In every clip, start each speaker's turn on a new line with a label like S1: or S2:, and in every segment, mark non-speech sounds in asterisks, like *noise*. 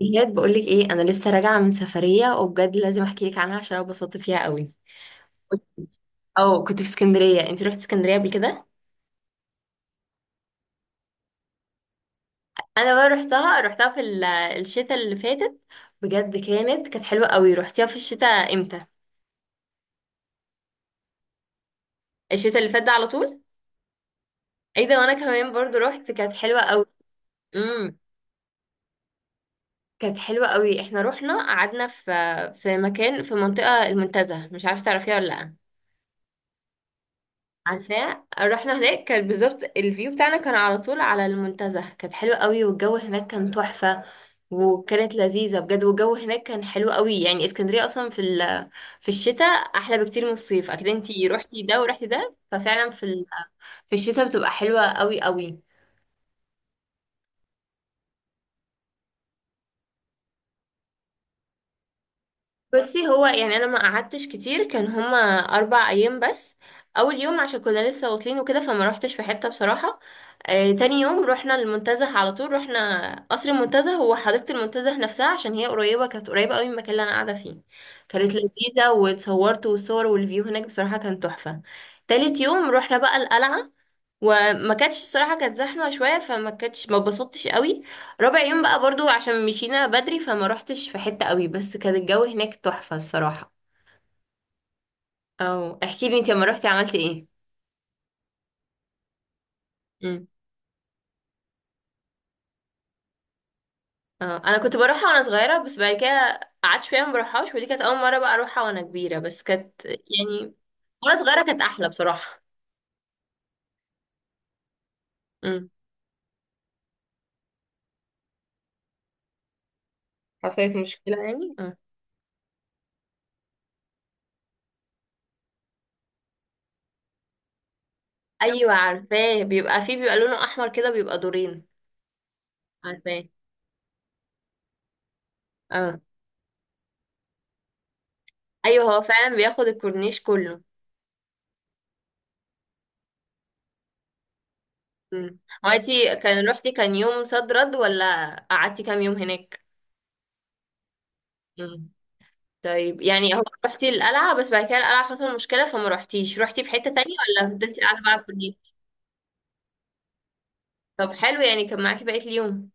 S1: بجد بقولك ايه، انا لسه راجعه من سفريه وبجد لازم احكي لك عنها عشان انا اتبسطت فيها قوي. او كنت في اسكندريه، انت رحت اسكندريه قبل كده؟ انا بقى رحتها في الشتاء اللي فاتت. بجد كانت حلوه قوي. رحتيها في الشتاء امتى؟ الشتاء اللي فات ده على طول. ايه ده، وانا كمان برضو رحت، كانت حلوه قوي. امم. كانت حلوه قوي، احنا رحنا قعدنا في مكان في منطقه المنتزه، مش عارفه تعرفيها ولا لا. عارفاه، رحنا هناك، كان بالظبط الفيو بتاعنا كان على طول على المنتزه، كانت حلوة قوي والجو هناك كان تحفة. وكانت لذيذة بجد والجو هناك كان حلو قوي، يعني اسكندرية اصلا في في الشتاء احلى بكتير من الصيف، اكيد انتي روحتي ده ورحتي ده، ففعلا في في الشتاء بتبقى حلوة قوي قوي. بصي، هو يعني انا ما قعدتش كتير، كان هما 4 ايام بس. اول يوم عشان كنا لسه واصلين وكده فما روحتش في حته بصراحه. تاني يوم رحنا المنتزه على طول، رحنا قصر المنتزه، هو حديقه المنتزه نفسها، عشان هي قريبه، كانت قريبه قوي من المكان اللي انا قاعده فيه. كانت لذيذه واتصورت، والصور والفيو هناك بصراحه كان تحفه. تالت يوم رحنا بقى القلعه، وما كانتش الصراحه، كانت زحمه شويه فما كانتش، ما اتبسطتش قوي. رابع يوم بقى برضو عشان مشينا بدري فما روحتش في حته قوي، بس كان الجو هناك تحفه الصراحه. او احكي لي انت لما روحتي عملتي ايه؟ مم. اه انا كنت بروحها وانا صغيره، بس بعد كده قعدت شويه ما بروحهاش، ودي كانت اول مره بقى اروحها وانا كبيره، بس كانت يعني... وانا صغيره كانت احلى بصراحه. مم. حصلت مشكله يعني اه. ايوه عارفاه، بيبقى فيه، بيبقى لونه احمر كده، بيبقى دورين. عارفاه. اه. ايوه، هو فعلا بياخد الكورنيش كله. مم. هو انتي كان روحتي كان يوم صد رد، ولا قعدتي كام يوم هناك؟ مم. طيب يعني هو روحتي القلعة، بس بعد كده القلعة حصل مشكلة فما روحتيش، روحتي في حتة تانية ولا فضلتي قاعدة بقى كلية؟ طب حلو، يعني كان معاكي بقية اليوم.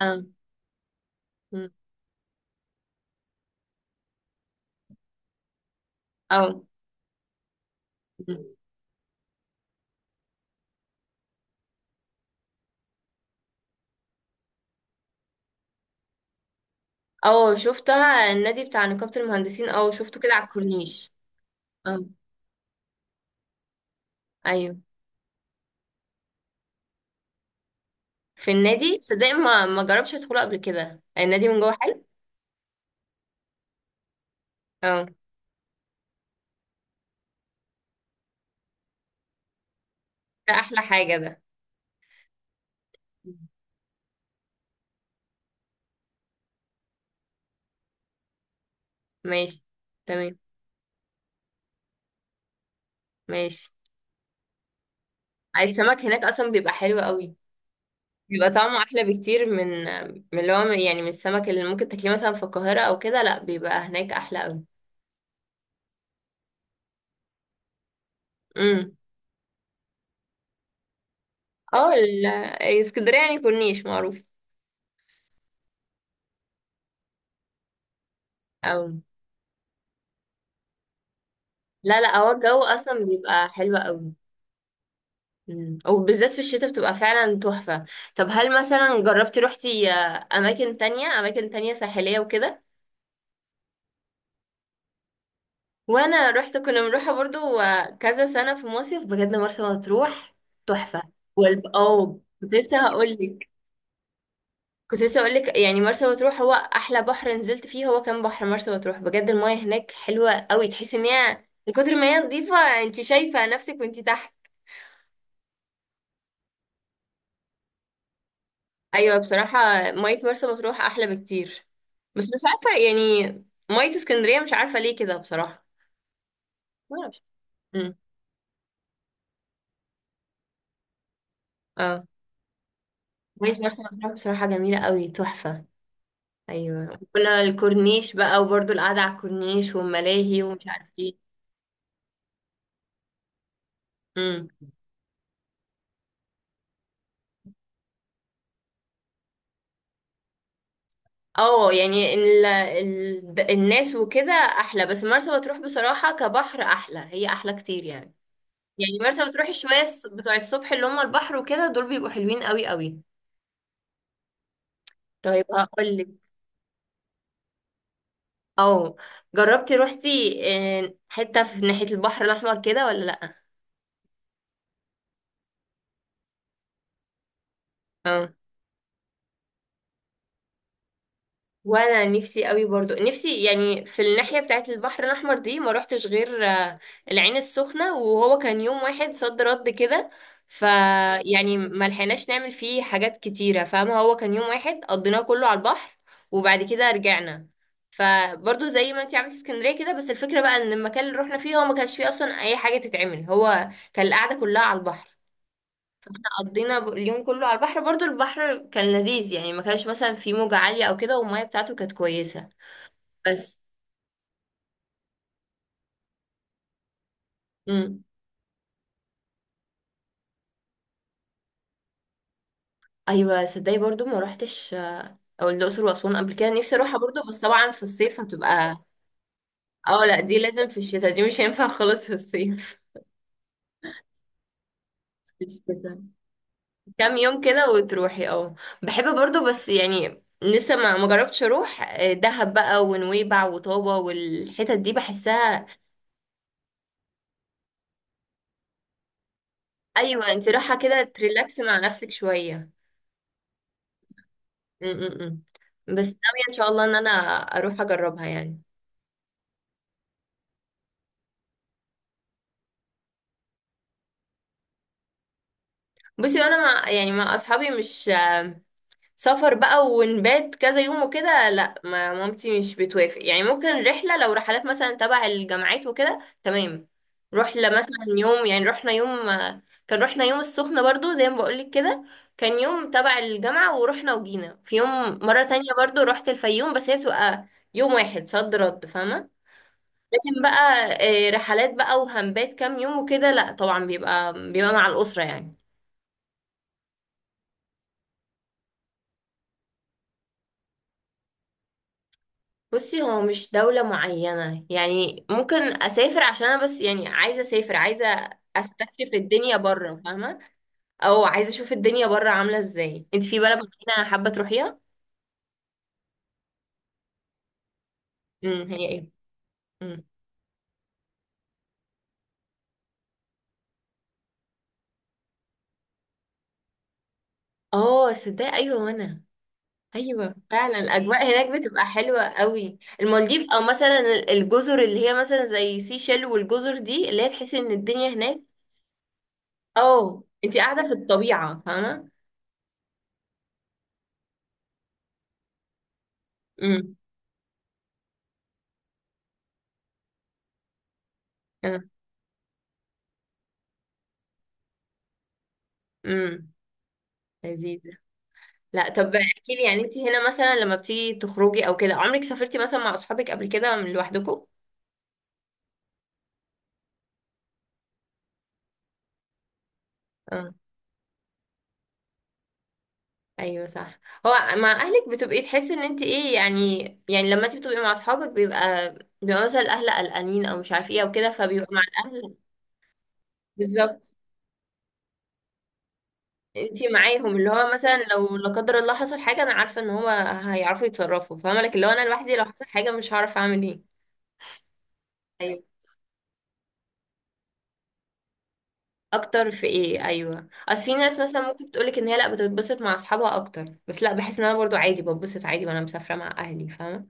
S1: اه. مم. اه. مم. اه شفتها، النادي بتاع نقابة المهندسين، اه شفته كده على الكورنيش. اه. ايوه. في النادي، صدق ما جربتش ادخله قبل كده، النادي من جوه حلو. اه. ده احلى حاجة ده. مم. ماشي. تمام ماشي. السمك هناك اصلا بيبقى حلو قوي. بيبقى طعمه احلى بكتير من اللي هو يعني من السمك اللي ممكن تاكليه مثلا في القاهره او كده، لا بيبقى هناك احلى قوي. امم. اه اسكندريه يعني كورنيش معروف. أو. لا لا، هو الجو اصلا بيبقى حلو قوي. امم، وبالذات في الشتاء بتبقى فعلا تحفه. طب هل مثلا جربتي روحتي اماكن تانية، اماكن تانية ساحليه وكده؟ وانا رحت، كنا بنروحها برضو. كذا سنة في مصيف، بجد مرسى مطروح تحفة. اه كنت لسه هقولك، يعني مرسى مطروح هو احلى بحر نزلت فيه، هو كان بحر مرسى مطروح بجد، المايه هناك حلوة قوي، تحس ان هي من كتر ما هي نظيفة انت شايفة نفسك وانت تحت. ايوه بصراحة. مية مرسى مطروح احلى بكتير. بس مش عارفة يعني، مية اسكندرية مش عارفة ليه كده بصراحة. معرفش. امم. اه. مية مرسى مطروح بصراحة جميلة قوي، تحفة. ايوه كنا الكورنيش بقى، وبرضه القعده على الكورنيش والملاهي ومش عارف ايه. امم. اه يعني الناس وكده احلى، بس مرسى مطروح بصراحه كبحر احلى، هي احلى كتير يعني. يعني مرسى مطروح شويه بتوع الصبح اللي هم البحر وكده دول بيبقوا حلوين قوي قوي. طيب هقول لك. اه. جربتي روحتي حته في ناحيه البحر الاحمر كده ولا؟ لا. وانا نفسي قوي برضو، نفسي يعني في الناحية بتاعت البحر الاحمر دي، ما روحتش غير العين السخنة، وهو كان يوم واحد صد رد كده. ف يعني ما لحقناش نعمل فيه حاجات كتيرة، فاهمة، هو كان يوم واحد قضيناه كله على البحر. وبعد كده رجعنا. فبرضو زي ما انتي عملتي اسكندرية كده، بس الفكرة بقى ان المكان اللي رحنا فيه هو ما كانش فيه اصلا اي حاجة تتعمل، هو كان القعدة كلها على البحر. قضينا اليوم كله على البحر برضو، البحر كان لذيذ، يعني ما كانش مثلا فيه موجة عالية او كده، والمية بتاعته كانت كويسة. بس. امم. ايوه صدقني، برضو ما روحتش او الاقصر واسوان قبل كده، نفسي اروحها برضو، بس طبعا في الصيف هتبقى... اه لا دي لازم في الشتاء، دي مش هينفع *laughs* خالص في الصيف. *laughs* في الشتاء. كام يوم كده وتروحي اه. بحب برضو، بس يعني لسه ما جربتش اروح دهب بقى ونويبع وطابة والحتت دي بحسها. ايوه، انت رايحه كده تريلاكس مع نفسك شويه. امم. بس ناويه ان شاء الله ان انا اروح اجربها يعني. بصي انا مع يعني مع اصحابي، مش سفر بقى ونبات كذا يوم وكده، لا ما مامتي مش بتوافق، يعني ممكن رحلة، لو رحلات مثلا تبع الجامعات وكده تمام. رحلة مثلا يوم، يعني رحنا يوم. كان رحنا يوم السخنة برضو زي ما بقولك كده، كان يوم تبع الجامعة ورحنا وجينا في يوم، مرة تانية برضو رحت الفيوم، بس هي بتبقى يوم واحد صد رد فاهمة. لكن بقى رحلات بقى وهنبات كام يوم وكده، لا طبعا بيبقى مع الأسرة يعني. بصي هو مش دولة معينة، يعني ممكن أسافر عشان أنا بس، يعني عايزة أسافر، عايزة أستكشف الدنيا بره فاهمة. أو عايزة أشوف الدنيا بره عاملة إزاي، أنت في بلد معينة حابة تروحيها؟ امم، هي إيه؟ امم. آه صدق أيوة، وأنا أيوة فعلا الأجواء هناك بتبقى حلوة قوي، المالديف أو مثلا الجزر اللي هي مثلا زي سيشيل، والجزر دي اللي هي تحسي إن الدنيا هناك... آه أنت قاعدة في الطبيعة، فاهمة؟ امم. آه، امم. لذيذ. لا طب احكي لي، يعني انت هنا مثلا لما بتيجي تخرجي او كده، عمرك سافرتي مثلا مع اصحابك قبل كده من لوحدكم؟ اه. ايوه صح. هو مع اهلك بتبقي تحسي ان انت ايه يعني، يعني لما انت بتبقي مع اصحابك بيبقى مثلا الاهل قلقانين او مش عارف ايه او كده، فبيبقى مع الاهل. بالظبط انت معاهم، اللي هو مثلا لو لا قدر الله حصل حاجه، انا عارفه ان هو هيعرفوا يتصرفوا، فاهمه لك، اللي هو انا لوحدي لو حصل حاجه مش هعرف اعمل ايه. اكتر في ايه، ايوه اصل في ناس مثلا ممكن تقولك ان هي لا بتتبسط مع اصحابها اكتر، بس لا بحس ان انا برضو عادي بتبسط عادي وانا مسافره مع اهلي فاهمه.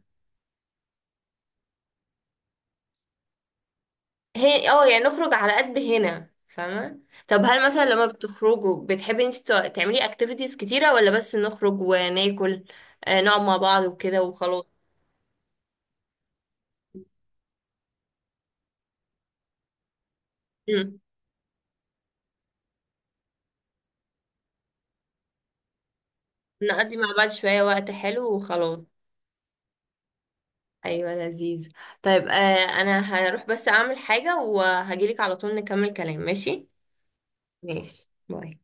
S1: هي اه يعني نخرج على قد هنا فاهمه. طب هل مثلا لما بتخرجوا بتحبي انت تعملي اكتيفيتيز كتيره، ولا بس نخرج وناكل نقعد مع بعض وكده وخلاص؟ مم. نقضي مع بعض شويه وقت حلو وخلاص. ايوه لذيذ. طيب آه، انا هروح بس اعمل حاجه وهجيلك على طول، نكمل كلام ماشي. ماشي باي.